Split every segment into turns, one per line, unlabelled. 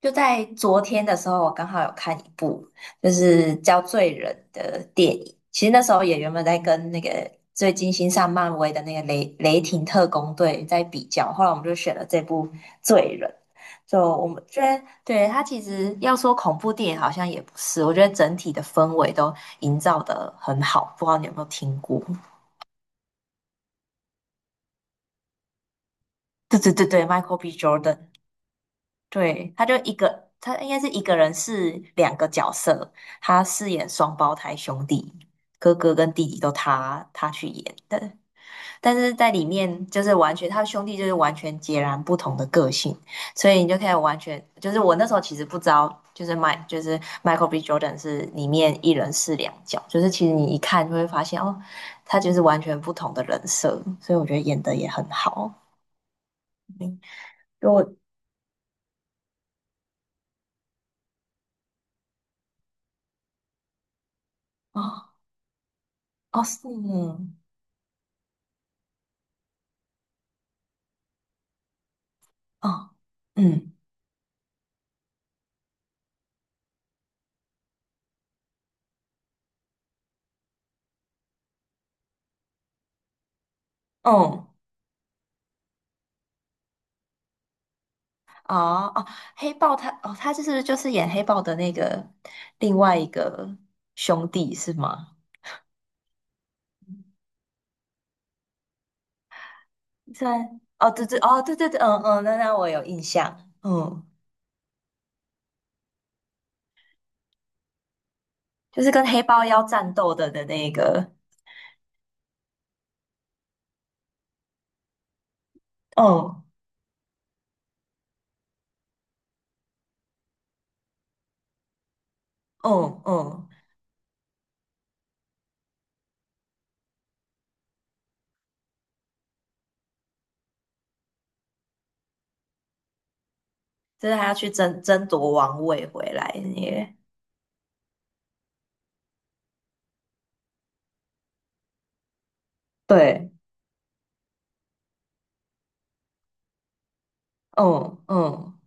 就在昨天的时候，我刚好有看一部就是叫《罪人》的电影。其实那时候也原本在跟那个最近新上漫威的那个雷霆特工队在比较，后来我们就选了这部《罪人》。就我们觉得，对，它其实要说恐怖电影好像也不是，我觉得整体的氛围都营造的很好。不知道你有没有听过？对对对对，Michael B. Jordan。对，他就一个，他应该是一个人是两个角色，他饰演双胞胎兄弟，哥哥跟弟弟都他去演的，但是在里面就是完全他兄弟就是完全截然不同的个性，所以你就可以完全就是我那时候其实不知道，就是迈就是 Michael B. Jordan 是里面一人饰两角，就是其实你一看就会发现哦，他就是完全不同的人设，所以我觉得演的也很好，如果哦哦是哦。哦嗯，嗯哦哦，黑豹他哦，他就是演黑豹的那个另外一个兄弟是吗？在哦，对对哦，对对对，嗯嗯，那我有印象，嗯，就是跟黑豹要战斗的那个，哦哦哦，就是他要去争夺王位回来的那个，对，嗯嗯，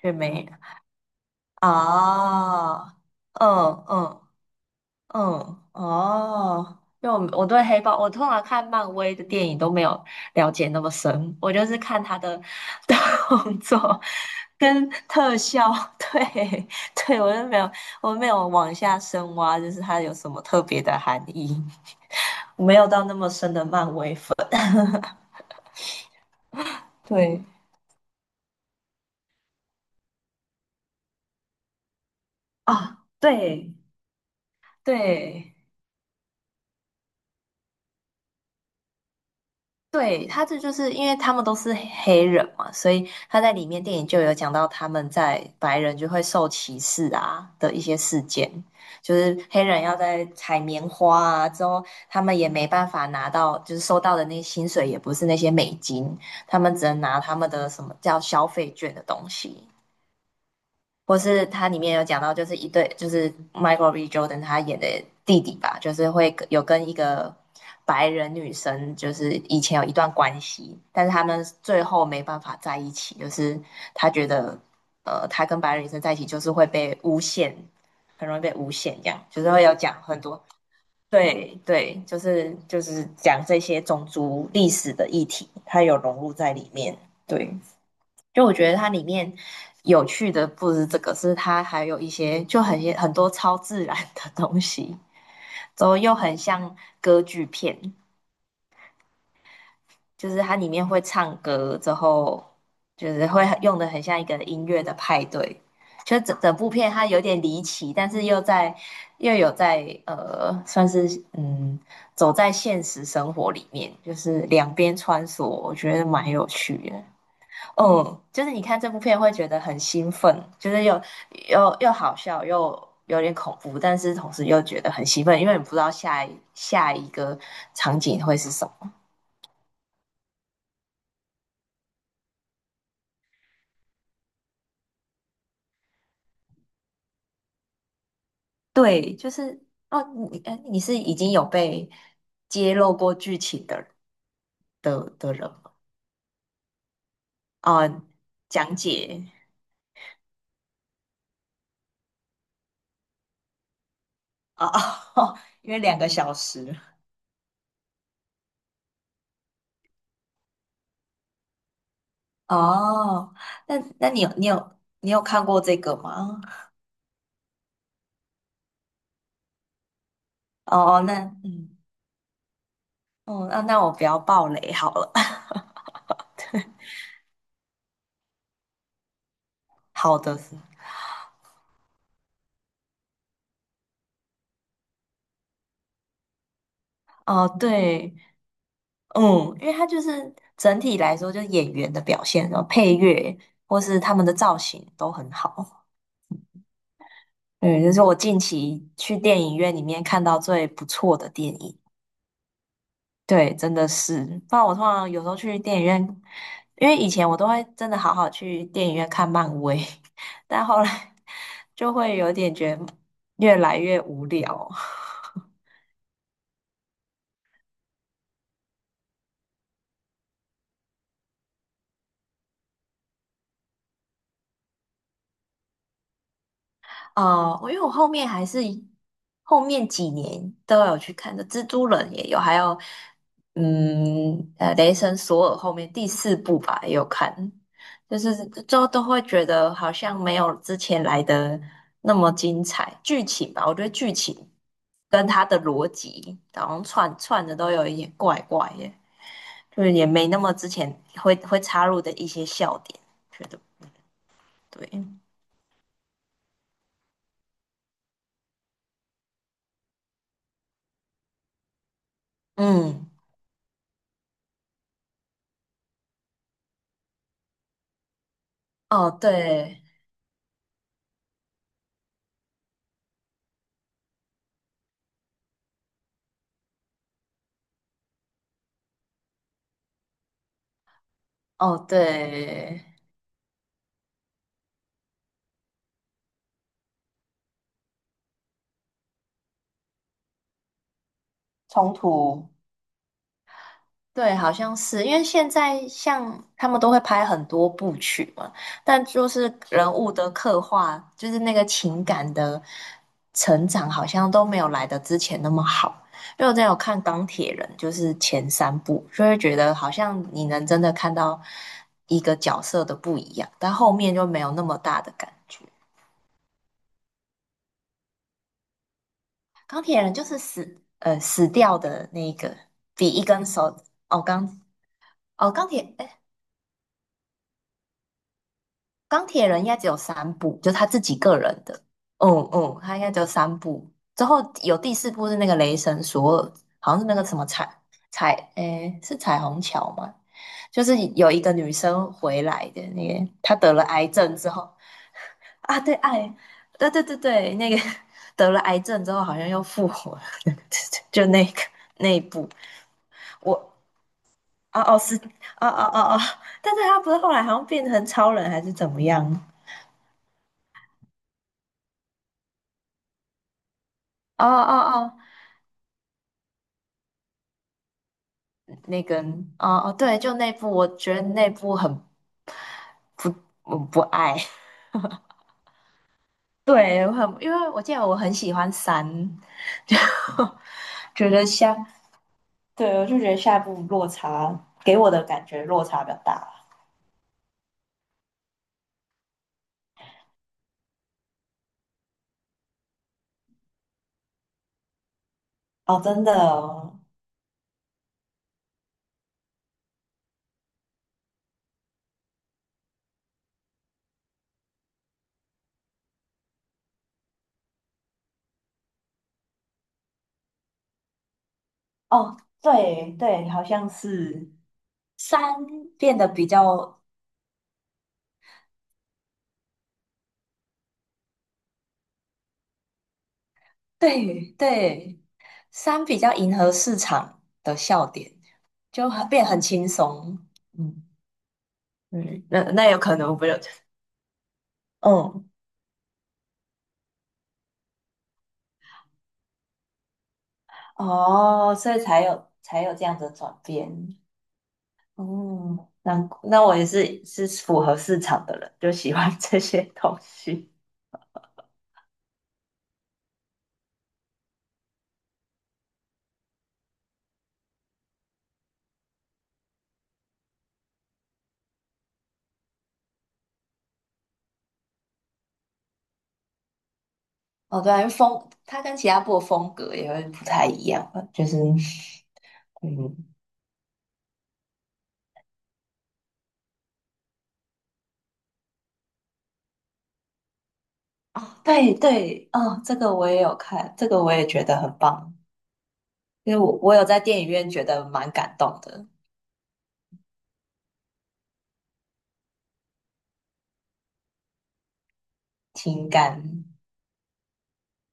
却没啊，哦嗯嗯。嗯，哦，因为我对黑豹，我通常看漫威的电影都没有了解那么深，我就是看他的 动作跟特效，对对，我没有往下深挖，就是它有什么特别的含义，没有到那么深的漫威粉。对啊，对对，对，他这就是因为他们都是黑人嘛，所以他在里面电影就有讲到他们在白人就会受歧视啊的一些事件，就是黑人要在采棉花啊之后，他们也没办法拿到，就是收到的那些薪水也不是那些美金，他们只能拿他们的什么叫消费券的东西。或是它里面有讲到，就是一对，就是 Michael B. Jordan 他演的弟弟吧，就是有跟一个白人女生，就是以前有一段关系，但是他们最后没办法在一起，就是他觉得，他跟白人女生在一起就是会被诬陷，很容易被诬陷，这样就是会有讲很多，对对，就是讲这些种族历史的议题，它有融入在里面，对。就我觉得它里面有趣的不是这个，是它还有一些就很多超自然的东西，之后又很像歌剧片，就是它里面会唱歌，之后就是会很用的很像一个音乐的派对。就整部片它有点离奇，但是又有在算是嗯走在现实生活里面，就是两边穿梭，我觉得蛮有趣的。嗯，就是你看这部片会觉得很兴奋，就是又好笑，又有点恐怖，但是同时又觉得很兴奋，因为你不知道下一个场景会是什么。对，就是哦，你是已经有被揭露过剧情的人吗？哦，讲解哦，哦，因为两个小时哦，那你有看过这个吗？哦，那嗯。哦，那我不要爆雷好了。好的是哦，对，嗯，因为它就是整体来说，就是演员的表现，然后配乐或是他们的造型都很好。对，这是我近期去电影院里面看到最不错的电影。对，真的是，不然我通常有时候去电影院，因为以前我都会真的好好去电影院看漫威，但后来 就会有点觉得越来越无聊。哦，我因为我后面还是后面几年都有去看的，蜘蛛人也有，还有雷神索尔后面第四部吧也有看，就是就都会觉得好像没有之前来的那么精彩，剧情吧，我觉得剧情跟它的逻辑好像串的都有一点怪怪的，就是也没那么之前会插入的一些笑点，觉得对，嗯，哦对。哦，对。冲突。对，好像是因为现在像他们都会拍很多部曲嘛，但就是人物的刻画，就是那个情感的成长，好像都没有来的之前那么好。因为我之前有看《钢铁人》，就是前三部，就会觉得好像你能真的看到一个角色的不一样，但后面就没有那么大的感觉。钢铁人就是死掉的那个，比一根手，哦，钢哦，钢铁，哎，钢铁人应该只有三部，就他自己个人的。嗯嗯，他应该只有三部。之后有第四部是那个雷神索尔，好像是那个什么哎，是彩虹桥吗？就是有一个女生回来的那个，她得了癌症之后啊，对，爱，对对对对，那个 得了癌症之后好像又复活了，就那一部，我啊哦是啊啊啊啊，但是他不是后来好像变成超人还是怎么样？哦哦哦，那个，哦哦，对，就那部，我觉得那部很不，我不爱。对，因为我记得我很喜欢三，就 觉得下，对，我就觉得下一部落差给我的感觉落差比较大。哦，真的哦，哦，对对，好像是三变得比较，对对，三比较迎合市场的笑点，变得很轻松。嗯。嗯，那有可能不就，嗯，哦，所以才有这样的转变，哦，那我也是符合市场的人，就喜欢 这些东西。哦，对啊，因为它跟其他部的风格也会不太一样吧就是 嗯，哦，对对，哦，这个我也有看，这个我也觉得很棒，因为我有在电影院觉得蛮感动的，情感。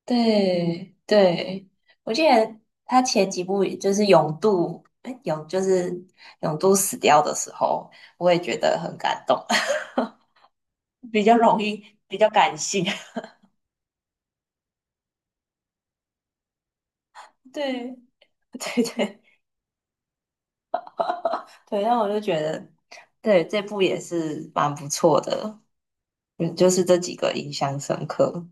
对对，我记得他前几部就是永度，哎，永就是永度死掉的时候，我也觉得很感动，比较容易，比较感性。对对对对，那我就觉得，对，这部也是蛮不错的，嗯，就是这几个印象深刻，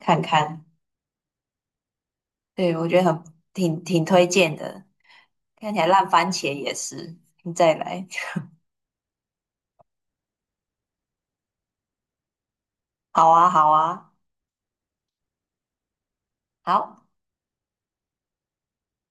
看看，对，我觉得很挺推荐的，看起来烂番茄也是，再来，好啊好啊，好。